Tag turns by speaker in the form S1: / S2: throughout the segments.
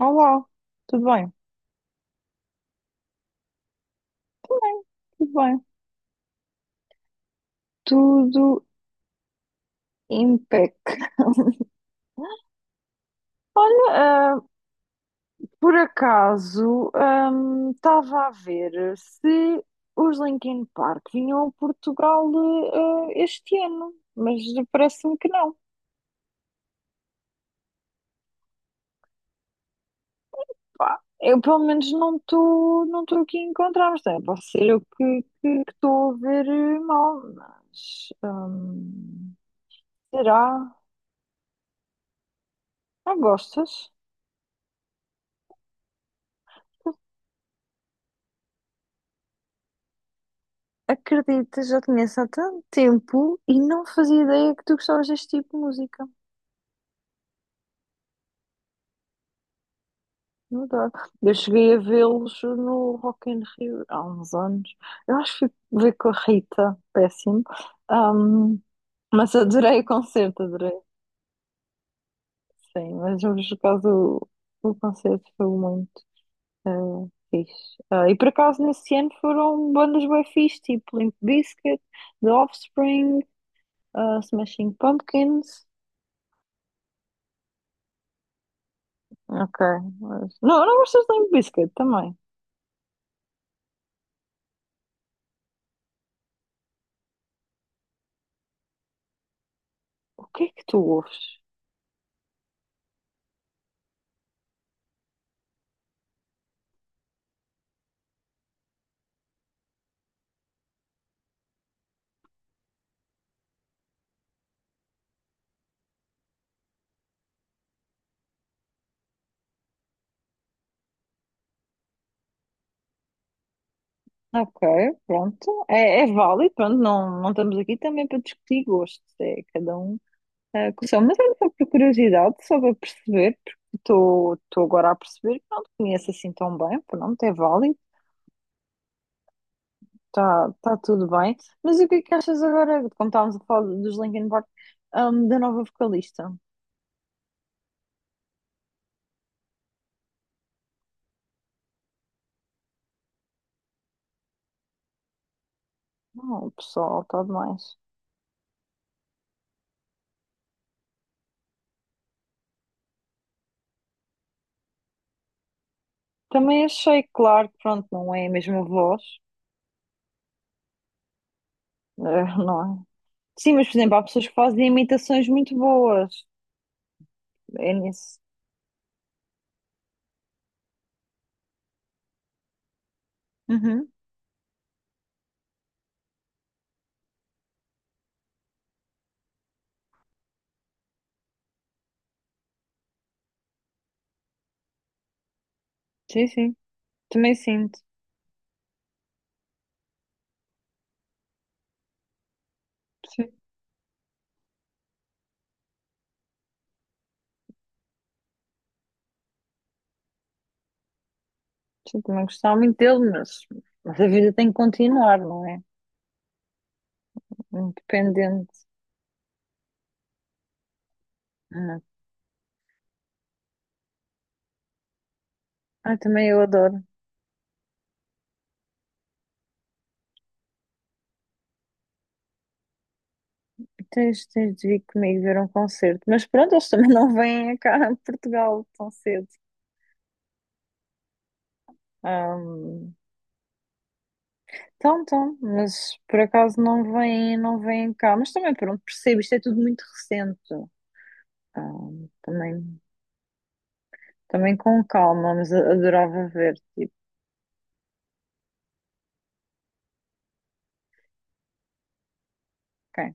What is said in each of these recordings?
S1: Olá, tudo bem? Tudo bem, tudo bem. Tudo impec. Olha, por acaso, estava a ver se os Linkin Park vinham a Portugal, este ano, mas parece-me que não. Pá, eu pelo menos não estou aqui a encontrar, mas também pode ser eu que estou a ver mal, mas será? Ah, gostas? Acredita, já te conheço há tanto tempo e não fazia ideia que tu gostavas deste tipo de música. Não dá. Eu cheguei a vê-los no Rock in Rio há uns anos. Eu acho que fui ver com a Rita, péssimo. Ahm, mas adorei o concerto, adorei. Sim, mas por acaso o concerto foi muito eh, fixe. Ah, e por acaso nesse ano foram bandas bem fixe, tipo Limp Bizkit, The Offspring, Smashing Pumpkins. Ok. Não, não gostas de Limp Bizkit também. O que é que tu ouves? Ok, pronto. É, é válido, pronto. Não, não estamos aqui também para discutir gostos. É cada um com o seu. Mas é só por curiosidade, só para perceber, porque estou agora a perceber que não te conheço assim tão bem. Pronto, é válido, está tá tudo bem. Mas o que é que achas agora, como estávamos a falar dos Linkin Park, da nova vocalista? Não, pessoal, está demais. Também achei, claro, que pronto, não é a mesma voz. Não é? Sim, mas, por exemplo, há pessoas que fazem imitações muito boas. É nisso. Uhum. Sim, sim. Também sinto. Sim, sim, também gostava muito dele, mas a vida tem que continuar, não é? Independente. Ah, também eu adoro. Tens de vir comigo ver um concerto. Mas pronto, eles também não vêm cá a Portugal tão cedo. Ahm, Então, então, mas por acaso não vêm cá. Mas também, pronto, percebo, isto é tudo muito recente. Também Também com calma, mas adorava ver. Tipo, quem?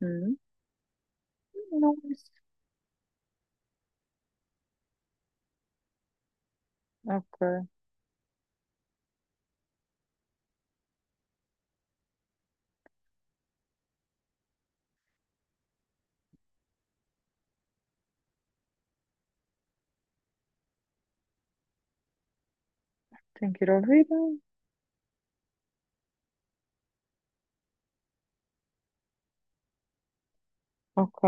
S1: Uhum. Não, isso. Ok, tenho que ir ouvir. Ok,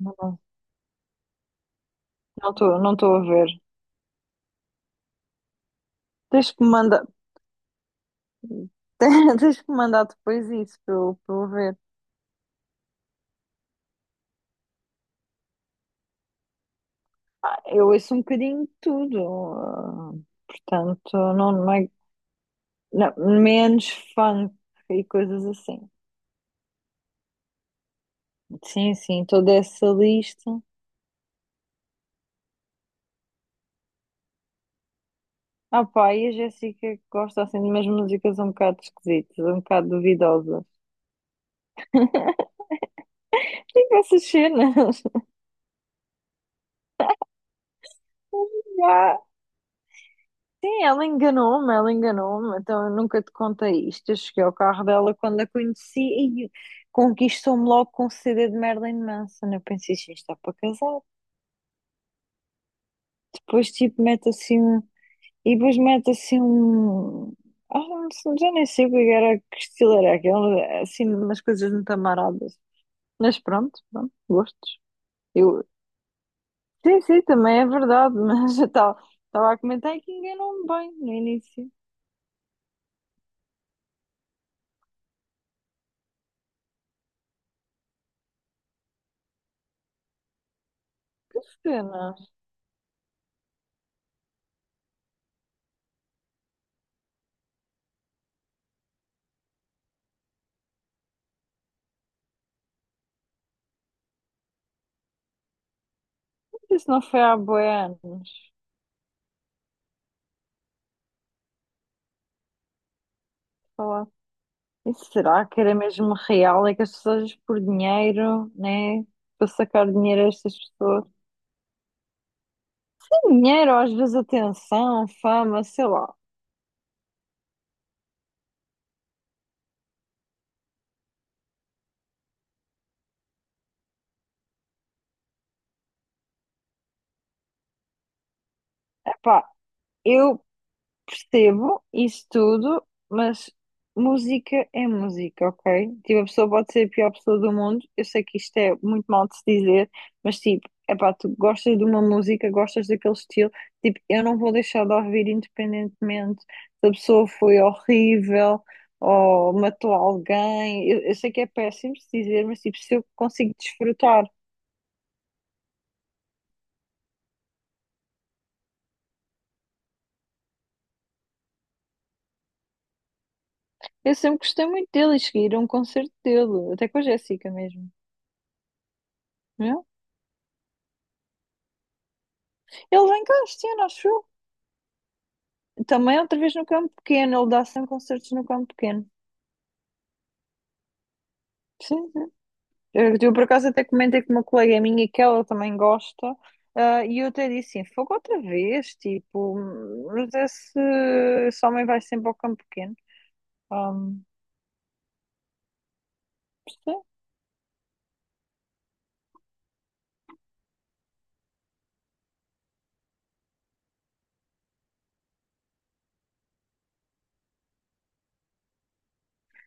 S1: não não estou a ver. Tens que me mandar, tens que me mandar depois isso para eu ver. Ah, eu ouço um bocadinho de tudo, ah, portanto, não é, não, menos funk e coisas assim. Sim, sim, toda essa lista. Ah, pá, e a Jéssica gosta assim de umas músicas um bocado esquisitas, um bocado duvidosas. Tem vai assistir, né? Já. Sim, ela enganou-me, então eu nunca te contei isto. Eu cheguei ao carro dela quando a conheci e conquistou-me logo com um CD de Marilyn Manson. Eu pensei, isto está para casar. Depois, tipo, mete assim um. E depois mete assim um. Ah, não sei, já nem sei o que era, que estilo era aquele, assim, umas coisas muito amaradas. Mas pronto, pronto, gostos. Eu... Sim, sim, também é verdade, mas eu estava estava a comentar que enganou-me bem no início. Pena. Isso não foi há bué anos. Falar. E será que era mesmo real? É que as pessoas por dinheiro, né? Para sacar dinheiro a estas pessoas. Tem dinheiro, às vezes atenção, fama, sei lá. Epá, eu Percebo isso tudo, mas música é música, ok? Tipo, a pessoa pode ser a pior pessoa do mundo. Eu sei que isto é muito mal de se dizer, mas tipo, epá, tu gostas de uma música, gostas daquele estilo. Tipo, eu não vou deixar de ouvir independentemente se a pessoa foi horrível ou matou alguém. Eu sei que é péssimo se dizer, mas tipo, se eu consigo desfrutar. Eu sempre gostei muito dele e cheguei a ir a um concerto dele, até com a Jéssica mesmo. Não? é? Ele vem cá este ano, acho Também outra vez no campo pequeno, ele dá sempre concertos no campo pequeno. Sim, sim. Por acaso até comentei com uma colega minha que ela também gosta, e eu até disse assim, fogo outra vez, tipo, mas esse, esse homem vai sempre ao campo pequeno. Ah, sim.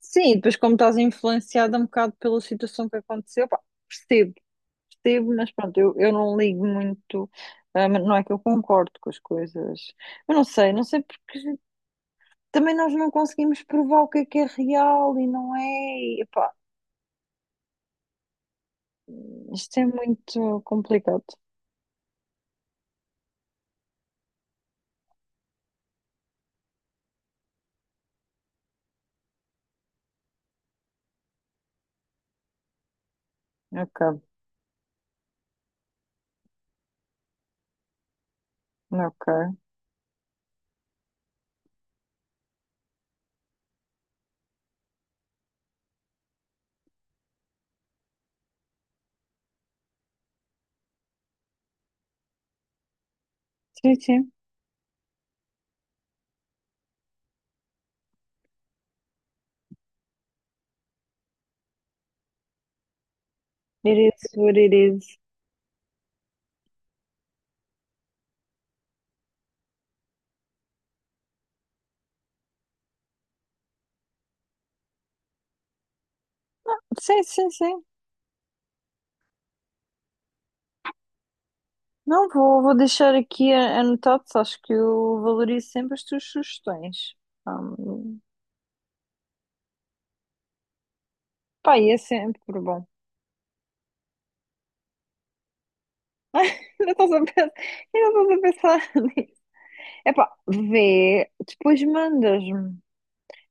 S1: Sim, depois como estás influenciada um bocado pela situação que aconteceu, pá, percebo, percebo, mas pronto, eu não ligo muito, mas não é que eu concordo com as coisas, eu não sei, não sei porque também nós não conseguimos provar o que é real e não é. E, epá, isto é muito complicado. Ok, ok. Sim, sim. It is what it is. Sim, sim, sim. Não, vou deixar aqui anotado, acho que eu valorizo sempre as tuas sugestões. Um, pá, e é sempre bom. Ainda estás a pensar, ainda estás a pensar nisso. Epá, vê, depois mandas-me.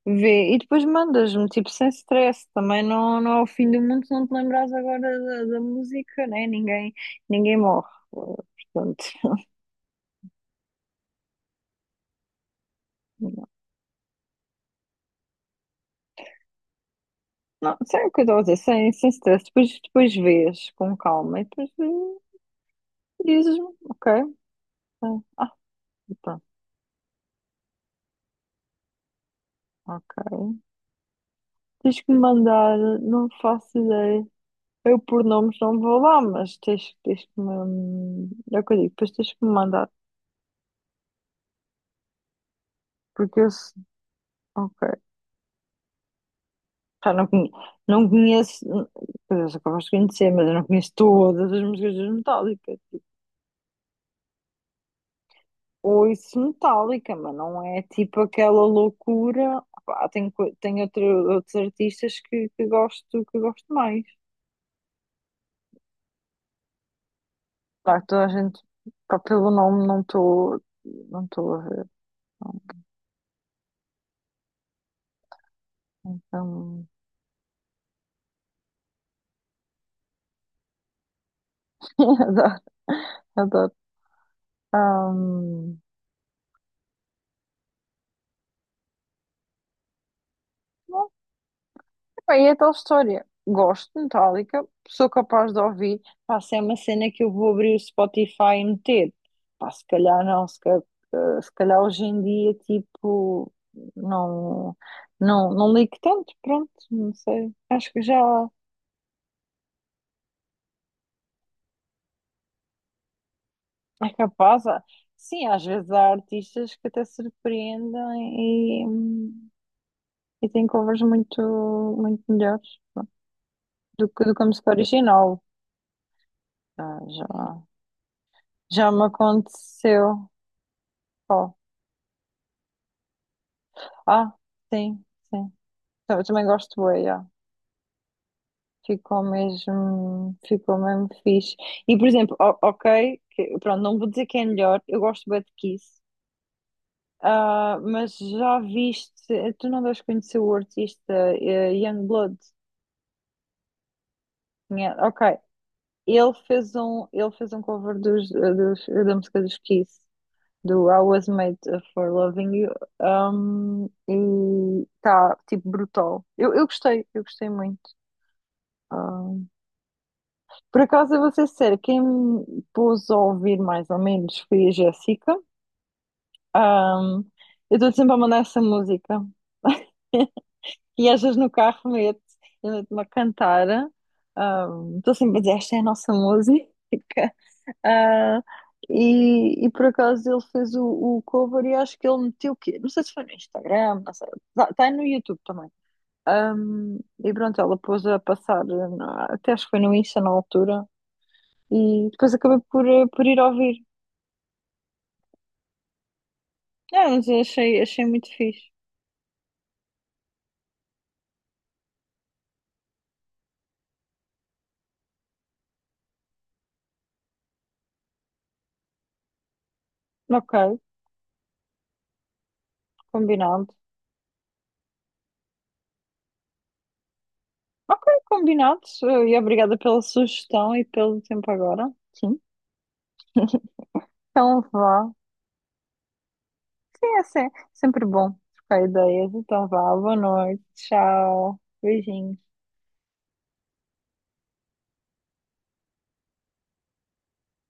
S1: Vê, e depois mandas-me, tipo, sem stress, também não é o fim do mundo se não te lembrares agora da música, né? Ninguém, ninguém morre, eh, portanto, não, não, sei o que eu estou a dizer, sem stress, depois vês com calma e depois dizes-me, ok, eh, ah, pronto, ok, tens que me mandar, não faço ideia, eu por nomes não vou lá, mas tens que me, é o que eu digo, depois tens que me mandar, porque eu, se- ok. Pá, não, não conheço, pois eu sou capaz de conhecer, mas eu não conheço todas as músicas dos Metallica. Tipo, ouço Metallica, mas não é tipo aquela loucura. Pá, tem outro, outros artistas que gosto mais. Claro, toda a gente, pá, pelo nome não estou a ver. Então, adoro, adoro. Bem, é tal história. Gosto de Metallica, sou capaz de ouvir. Pá, se é uma cena que eu vou abrir o Spotify e meter. Pá, se calhar se calhar, se calhar hoje em dia, tipo, não, não ligo tanto, pronto, não sei. Acho que já é capaz. Ah, Sim, às vezes há artistas que até surpreendem e têm covers muito, muito melhores pronto, do que a música original. Ah, já, já me aconteceu. Pá. Ah, sim, sim. Eu também gosto bué, já. Ficou mesmo fixe. E, por exemplo, ok, pronto, não vou dizer que é melhor, eu gosto bué de Kiss, Ah, mas já viste, tu não deves conhecer o artista Youngblood, ok, ele fez um cover da música dos Kiss, do I Was Made for Loving You, um, e está tipo, brutal. Eu gostei muito. Por acaso, eu vou ser sincera, quem me pôs a ouvir mais ou menos foi a Jéssica. Ahm, eu estou sempre a mandar essa música. E às vezes no carro meto, eu meto-me a cantar. Estou sempre a dizer, esta é a nossa música. Ah, e por acaso ele fez o cover e acho que ele meteu o quê? Não sei se foi no Instagram, não sei. Está no YouTube também. Ahm, e pronto, ela pôs a passar, até acho que foi no Insta na altura. E depois acabei por, por ir ouvir. Não, mas eu achei, achei muito fixe. Ok, combinado. Ok, combinado. E obrigada pela sugestão e pelo tempo agora. Sim. Então vá. Sim, é sempre bom trocar ideias. Então vá, boa noite. Tchau. Beijinhos.